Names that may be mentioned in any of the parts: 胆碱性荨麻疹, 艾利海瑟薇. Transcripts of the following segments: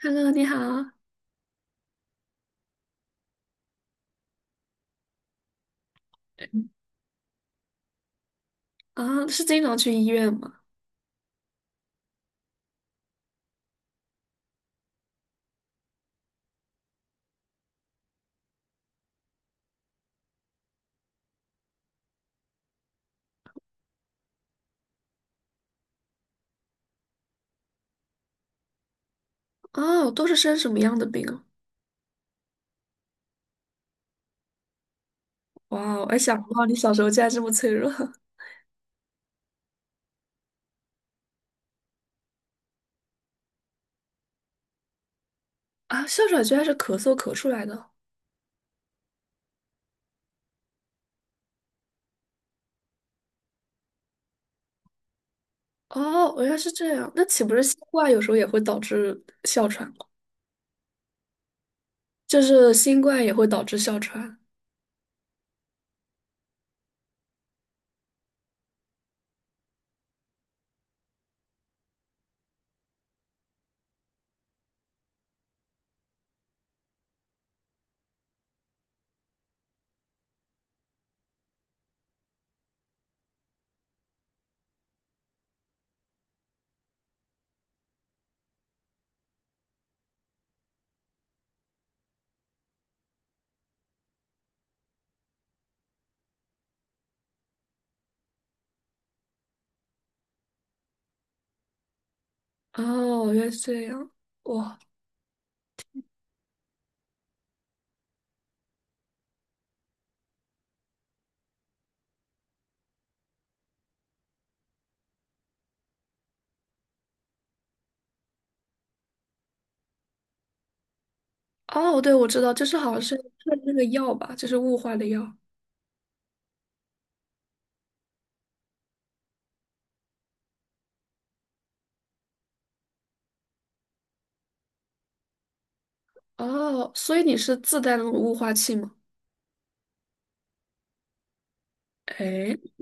Hello，你好。嗯。啊，是经常去医院吗？哦，都是生什么样的病啊？哇，我还想不到你小时候竟然这么脆弱。 啊！哮喘居然是咳嗽咳出来的。哦，原来是这样，那岂不是新冠有时候也会导致哮喘吗？就是新冠也会导致哮喘。哦，原来是这样。哇。哦，对，我知道，就是好像是那个药吧，就是雾化的药。哦，所以你是自带那种雾化器吗？哎。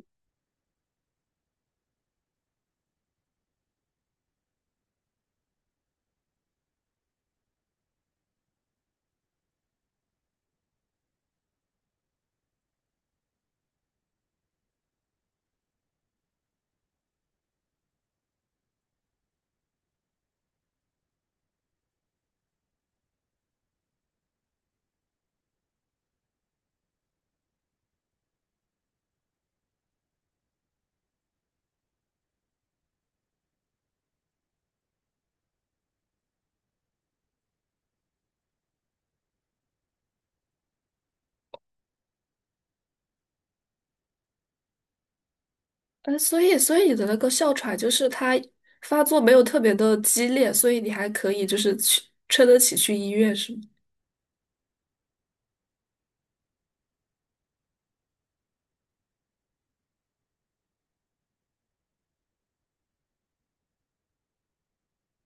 呃，所以你的那个哮喘就是它发作没有特别的激烈，所以你还可以就是去撑得起去医院是吗？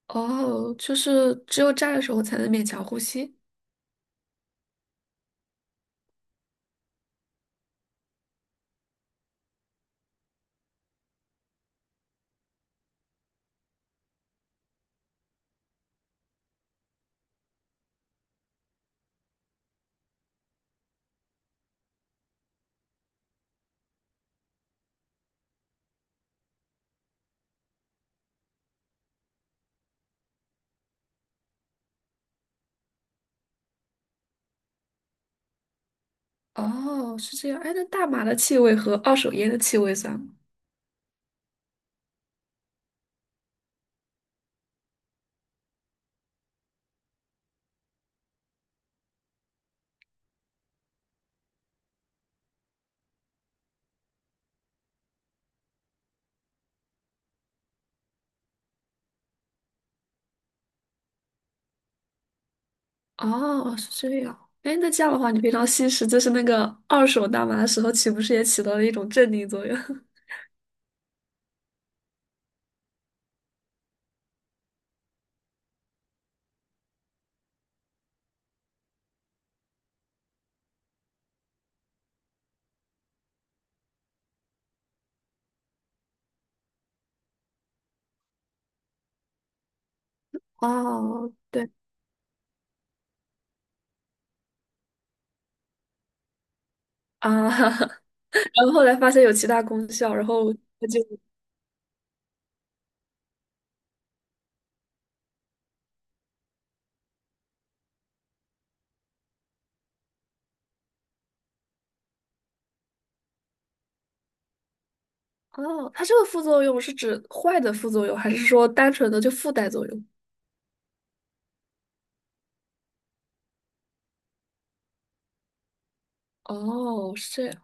哦，就是只有站的时候才能勉强呼吸。哦，是这样。哎，那大麻的气味和二手烟的气味算吗？哦，是这样。哎，那这样的话，你平常吸食就是那个二手大麻的时候，岂不是也起到了一种镇定作用？哦，对啊。然后后来发现有其他功效，然后就哦，它这个副作用是指坏的副作用，还是说单纯的就附带作用？哦，是这样。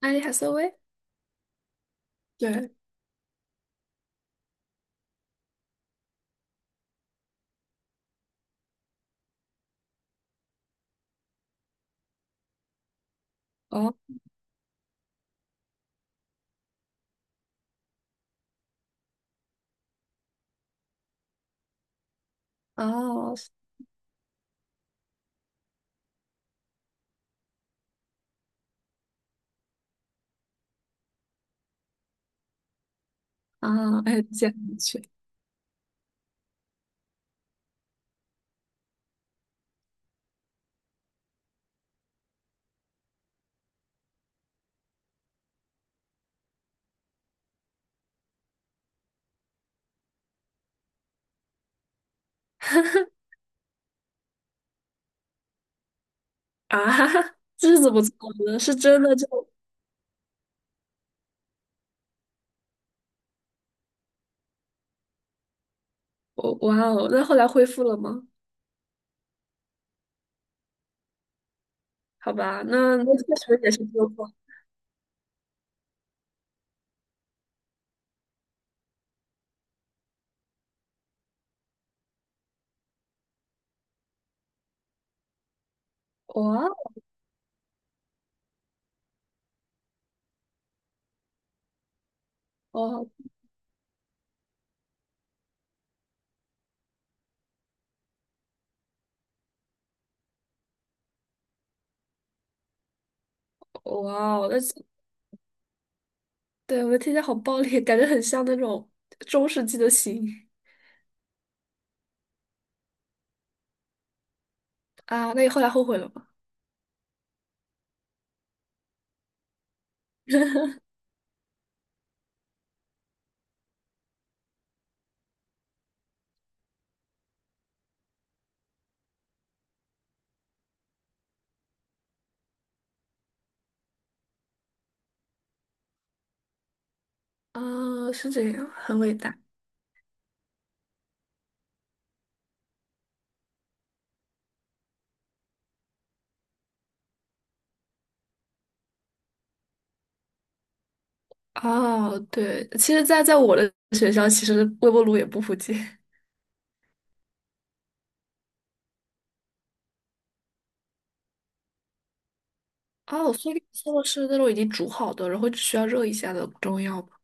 艾利海瑟薇？对，哦。哦。啊，哎，这样去。啊，哈哈，日子不错的，是真的就，哦哇哦，那后来恢复了吗？好吧，那那确实也是纠错。哇哦，哇哦，那对，我的天，天好暴力，感觉很像那种中世纪的刑。啊，那你后来后悔了吗？啊，是这样，很伟大。哦，对，其实在，在我的学校，其实微波炉也不普及。哦，所以做的是那种已经煮好的，然后只需要热一下的中药吧。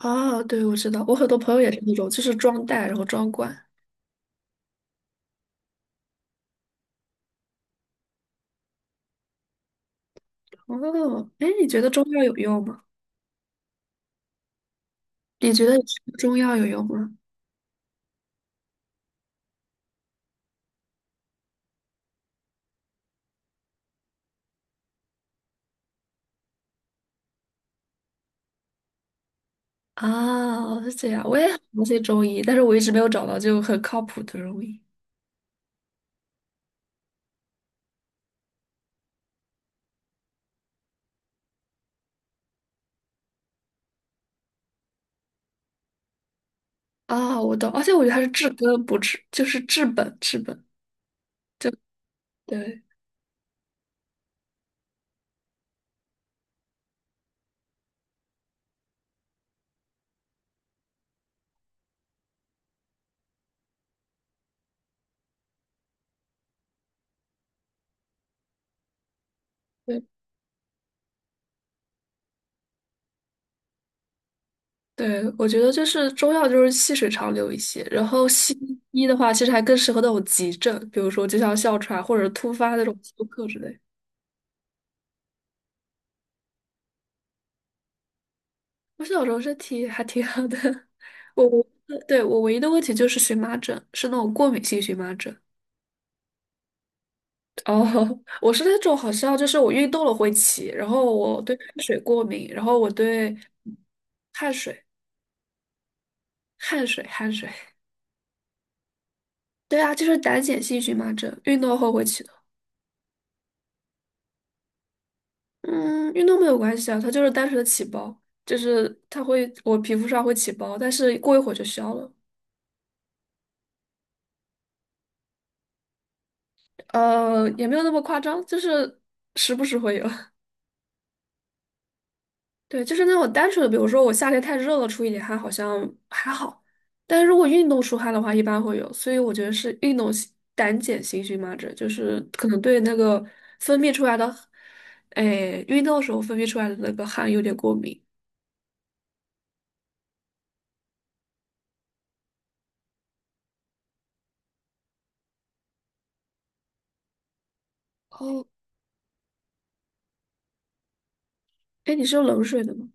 哦，对，我知道，我很多朋友也是那种，就是装袋然后装罐。哦。哎，你觉得中药有用吗？你觉得吃中药有用吗？啊，是这样，我也很相信中医，但是我一直没有找到就很靠谱的中医。啊，我懂，而且我觉得它是治根不治，就是治本。对，对。对，我觉得就是中药就是细水长流一些，然后西医的话，其实还更适合那种急症，比如说就像哮喘或者突发那种休克之类。我小时候身体还挺好的。我对，我唯一的问题就是荨麻疹，是那种过敏性荨麻疹。哦。我是那种好像就是我运动了会起，然后我对汗水过敏，然后我对汗水。汗水，汗水。对啊，就是胆碱性荨麻疹，运动后会起的。嗯，运动没有关系啊，它就是单纯的起包，就是它会，我皮肤上会起包，但是过一会儿就消了。呃，也没有那么夸张，就是时不时会有。对，就是那种单纯的，比如说我夏天太热了，出一点汗好像还好，但是如果运动出汗的话，一般会有。所以我觉得是运动性胆碱性荨麻疹，就是可能对那个分泌出来的，哎，运动时候分泌出来的那个汗有点过敏。哦。哎，你是用冷水的吗？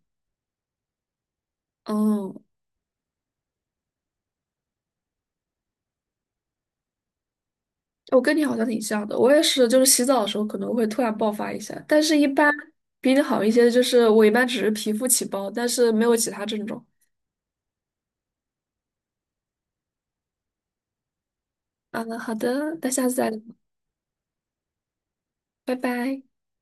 哦。我跟你好像挺像的，我也是，就是洗澡的时候可能会突然爆发一下，但是一般比你好一些，就是我一般只是皮肤起包，但是没有其他症状。啊，好的，那下次再聊，拜拜。